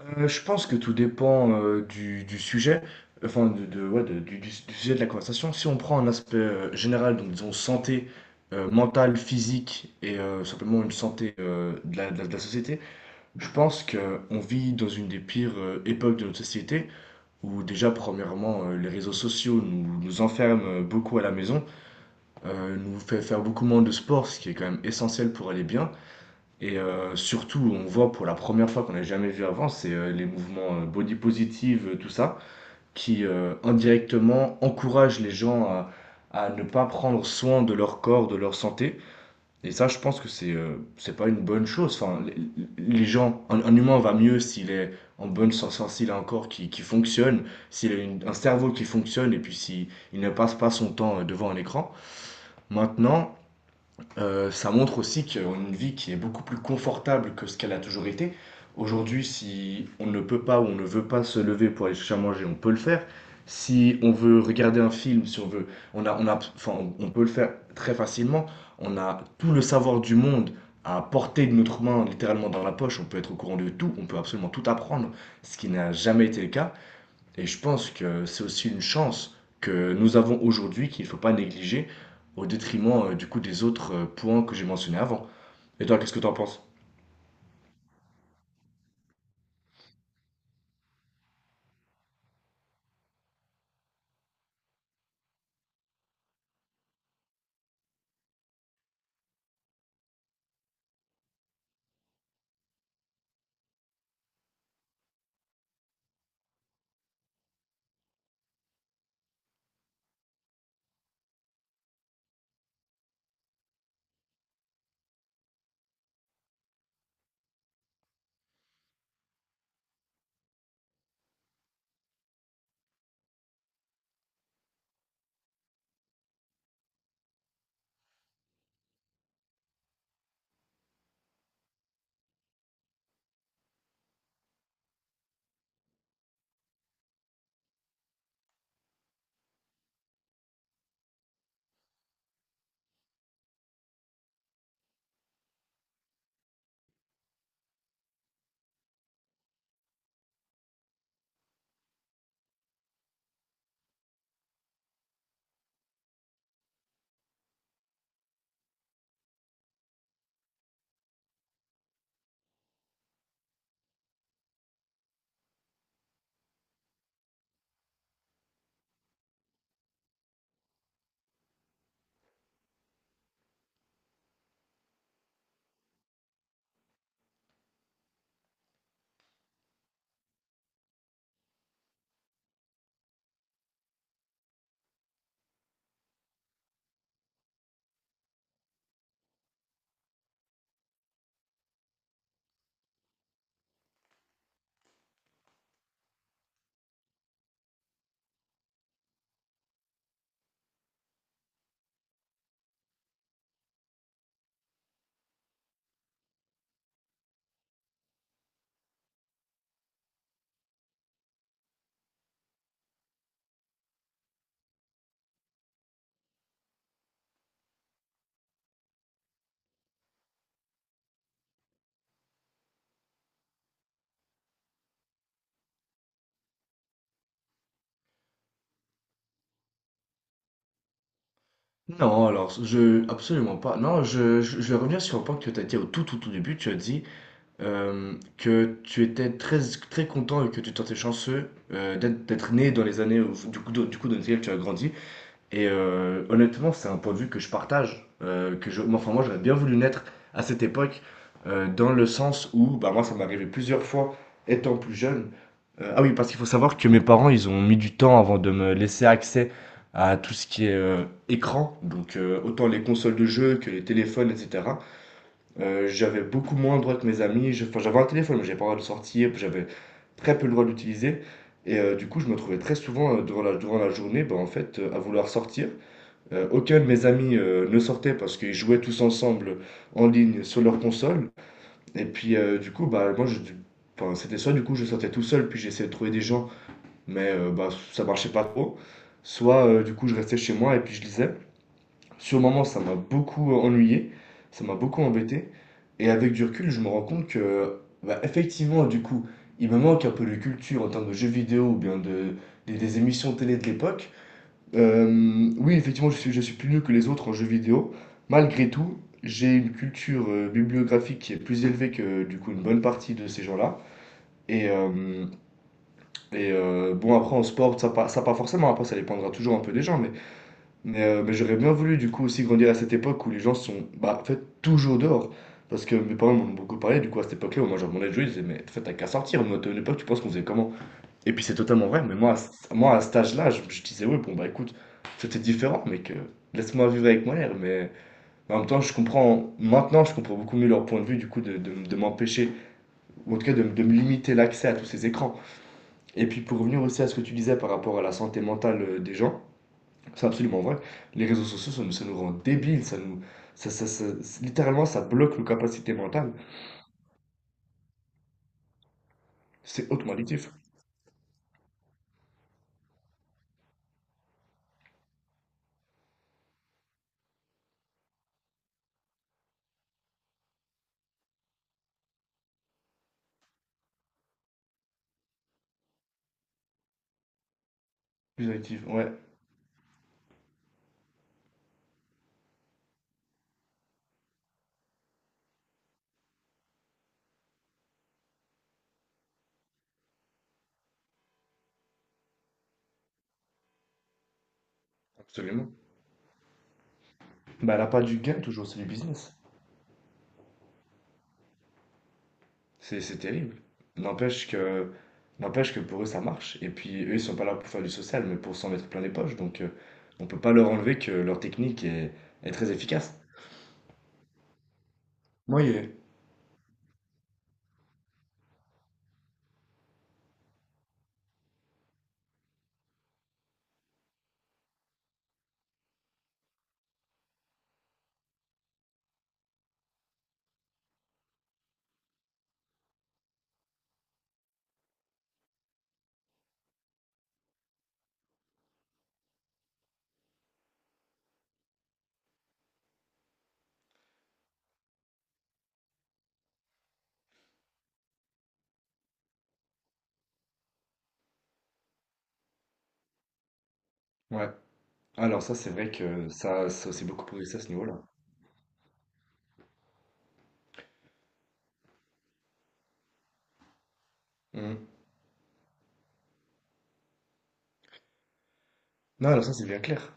Je pense que tout dépend du sujet, enfin du sujet de la conversation. Si on prend un aspect général, donc disons santé mentale, physique et simplement une santé de la société, je pense qu'on vit dans une des pires époques de notre société où déjà, premièrement, les réseaux sociaux nous enferment beaucoup à la maison, nous fait faire beaucoup moins de sport, ce qui est quand même essentiel pour aller bien. Et surtout, on voit pour la première fois qu'on n'a jamais vu avant, c'est, les mouvements, body positive, tout ça, qui, indirectement encouragent les gens à ne pas prendre soin de leur corps, de leur santé, et ça, je pense que c'est pas une bonne chose. Enfin, les gens, un humain va mieux s'il est en bonne santé, enfin, s'il a un corps qui fonctionne, s'il a une un cerveau qui fonctionne et puis s'il il ne passe pas son temps, devant un écran. Maintenant, ça montre aussi qu'on a une vie qui est beaucoup plus confortable que ce qu'elle a toujours été. Aujourd'hui, si on ne peut pas ou on ne veut pas se lever pour aller chercher à manger, on peut le faire. Si on veut regarder un film, si on veut, on a, enfin, on peut le faire très facilement. On a tout le savoir du monde à portée de notre main, littéralement dans la poche. On peut être au courant de tout, on peut absolument tout apprendre, ce qui n'a jamais été le cas. Et je pense que c'est aussi une chance que nous avons aujourd'hui qu'il ne faut pas négliger au détriment du coup des autres points que j'ai mentionnés avant. Et toi, qu'est-ce que tu en penses? Non, alors, je... Absolument pas. Non, je vais revenir sur un point que tu as dit au tout, tout, tout début. Tu as dit que tu étais très, très content et que tu te chanceux d'être né dans les années, dans lesquelles tu as grandi. Et honnêtement, c'est un point de vue que je partage, que je, moi, enfin moi j'aurais bien voulu naître à cette époque, dans le sens où, bah moi ça m'est arrivé plusieurs fois, étant plus jeune. Ah oui, parce qu'il faut savoir que mes parents, ils ont mis du temps avant de me laisser accès à tout ce qui est écran, donc autant les consoles de jeux que les téléphones, etc. J'avais beaucoup moins le droit que mes amis. Enfin j'avais un téléphone, mais j'avais pas le droit de sortir, puis j'avais très peu le droit d'utiliser. Et du coup, je me trouvais très souvent durant la journée, à vouloir sortir, aucun de mes amis ne sortait parce qu'ils jouaient tous ensemble en ligne sur leur console. Et puis du coup, bah moi, enfin, c'était soit du coup je sortais tout seul, puis j'essayais de trouver des gens, mais bah, ça marchait pas trop. Soit du coup je restais chez moi et puis je lisais. Sur le moment, ça m'a beaucoup ennuyé, ça m'a beaucoup embêté. Et avec du recul, je me rends compte que, bah, effectivement, du coup, il me manque un peu de culture en termes de jeux vidéo ou bien de, des émissions télé de l'époque. Oui, effectivement, je suis plus nul que les autres en jeux vidéo. Malgré tout, j'ai une culture bibliographique qui est plus élevée que du coup une bonne partie de ces gens-là. Et, euh, bon, après en sport, ça pas forcément, après ça dépendra toujours un peu des gens, mais, mais j'aurais bien voulu du coup aussi grandir à cette époque où les gens sont, bah, en fait toujours dehors. Parce que mes parents m'en ont beaucoup parlé, du coup à cette époque-là, où moi je demandais de jouer, ils disaient, mais en fait t'as qu'à sortir, nous à une époque, tu penses qu'on faisait comment? Et puis c'est totalement vrai, mais moi, moi à cet âge-là, je disais, oui, bon, bah écoute, c'était différent, mais que laisse-moi vivre avec mon air. Mais en même temps, je comprends, maintenant, je comprends beaucoup mieux leur point de vue, du coup, de m'empêcher, ou en tout cas de me limiter l'accès à tous ces écrans. Et puis pour revenir aussi à ce que tu disais par rapport à la santé mentale des gens, c'est absolument vrai. Les réseaux sociaux, ça nous rend débiles, ça nous, littéralement, ça bloque nos capacités mentales. C'est hautement addictif. Plus addictif, ouais, absolument. Bah, elle a pas du gain, toujours, c'est du business. C'est terrible. N'empêche que n'empêche que pour eux, ça marche. Et puis, eux, ils sont pas là pour faire du social, mais pour s'en mettre plein les poches. Donc, on peut pas leur enlever que leur technique est très efficace. Moi, il... Ouais. Alors ça, c'est vrai que ça c'est beaucoup progressé à ce niveau-là. Mhm. Non, alors ça, c'est bien clair.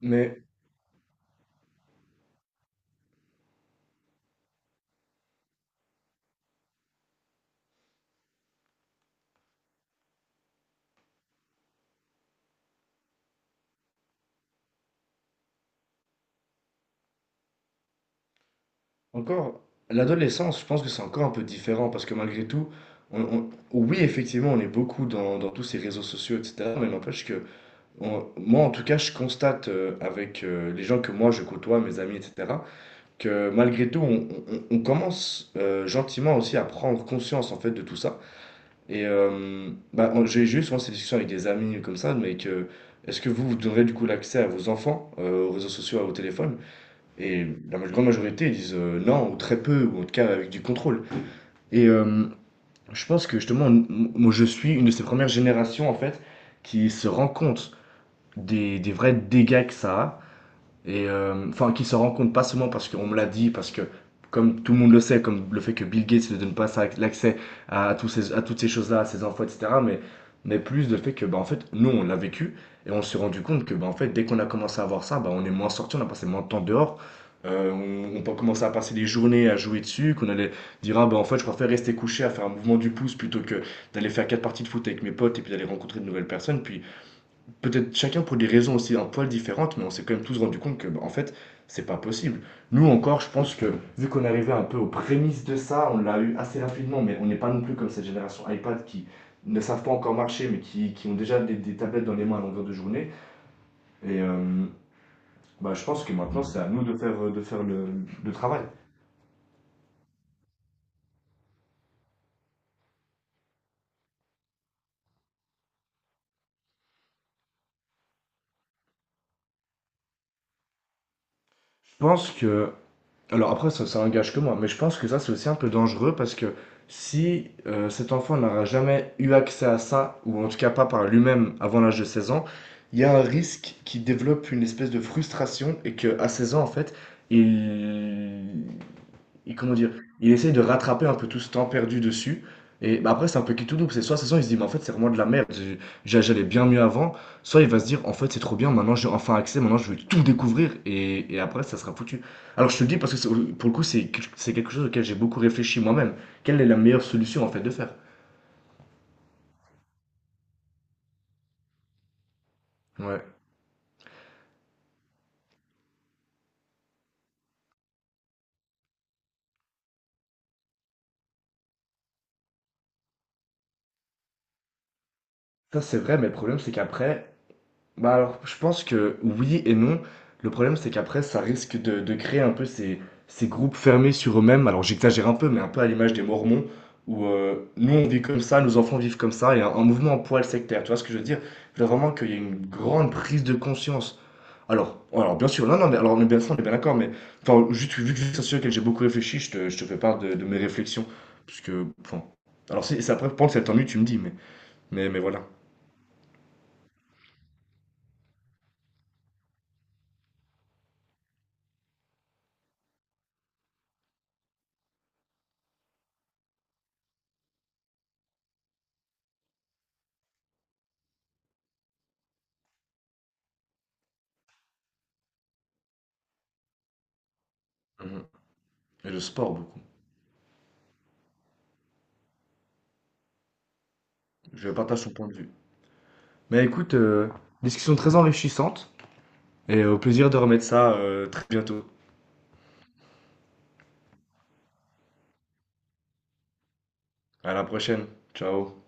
Mais encore, l'adolescence, je pense que c'est encore un peu différent parce que malgré tout, oui, effectivement, on est beaucoup dans tous ces réseaux sociaux, etc. Mais n'empêche que... Moi, en tout cas, je constate avec les gens que moi je côtoie, mes amis, etc., que malgré tout, on commence gentiment aussi à prendre conscience en fait de tout ça. Et bah, j'ai eu souvent ces discussions avec des amis comme ça, mais que est-ce que vous, vous donnerez du coup l'accès à vos enfants aux réseaux sociaux, au téléphone? Et grande majorité ils disent non, ou très peu, ou en tout cas avec du contrôle. Et je pense que justement, moi je suis une de ces premières générations en fait qui se rend compte des vrais dégâts que ça a. Et enfin, qui se rend compte pas seulement parce qu'on me l'a dit, parce que comme tout le monde le sait, comme le fait que Bill Gates ne donne pas l'accès à, à toutes ces choses-là, à ses infos, etc. Mais plus le fait que, bah, en fait, nous, on l'a vécu et on s'est rendu compte que, bah, en fait, dès qu'on a commencé à voir ça, bah, on est moins sorti, on a passé moins de temps dehors. On peut commencer à passer des journées à jouer dessus, qu'on allait dire, ah, bah, en fait, je préfère rester couché à faire un mouvement du pouce plutôt que d'aller faire quatre parties de foot avec mes potes et puis d'aller rencontrer de nouvelles personnes. Puis peut-être chacun pour des raisons aussi un poil différentes, mais on s'est quand même tous rendu compte que, bah, en fait, c'est pas possible. Nous encore, je pense que vu qu'on arrivait un peu aux prémices de ça, on l'a eu assez rapidement, mais on n'est pas non plus comme cette génération iPad qui ne savent pas encore marcher, mais qui ont déjà des tablettes dans les mains à longueur de journée. Et bah, je pense que maintenant, c'est à nous de faire le travail. Je pense que... Alors après, ça engage que moi, mais je pense que ça, c'est aussi un peu dangereux parce que si cet enfant n'aura jamais eu accès à ça, ou en tout cas pas par lui-même avant l'âge de 16 ans, il y a un risque qu'il développe une espèce de frustration et qu'à 16 ans, en fait, il comment dire, il essaye de rattraper un peu tout ce temps perdu dessus. Et bah, après, c'est un peu qui tout double. C'est soit de toute façon, il se dit, mais en fait, c'est vraiment de la merde. J'allais bien mieux avant. Soit il va se dire, en fait, c'est trop bien. Maintenant, j'ai enfin accès. Maintenant, je vais tout découvrir. Et après, ça sera foutu. Alors, je te le dis parce que pour le coup, c'est quelque chose auquel j'ai beaucoup réfléchi moi-même. Quelle est la meilleure solution, en fait, de faire? Ouais. Ça, c'est vrai, mais le problème, c'est qu'après... Bah alors, je pense que oui et non. Le problème, c'est qu'après, ça risque de créer un peu ces, ces groupes fermés sur eux-mêmes. Alors, j'exagère un peu, mais un peu à l'image des Mormons, où nous, on vit comme ça, nos enfants vivent comme ça, et un mouvement en poil sectaire. Tu vois ce que je veux dire? Je veux vraiment qu'il y ait une grande prise de conscience. Alors bien sûr, non, non, mais alors, on est bien, ça, on est bien d'accord, mais enfin, juste vu que c'est un sujet auquel j'ai beaucoup réfléchi, je te fais part de mes réflexions. Parce que, enfin, alors, c'est après, pendant cette ennui, tu me dis, mais, mais voilà. Mhm. Et le sport, beaucoup. Je partage son point de vue. Mais écoute, discussion très enrichissante et au plaisir de remettre ça très bientôt. À la prochaine. Ciao.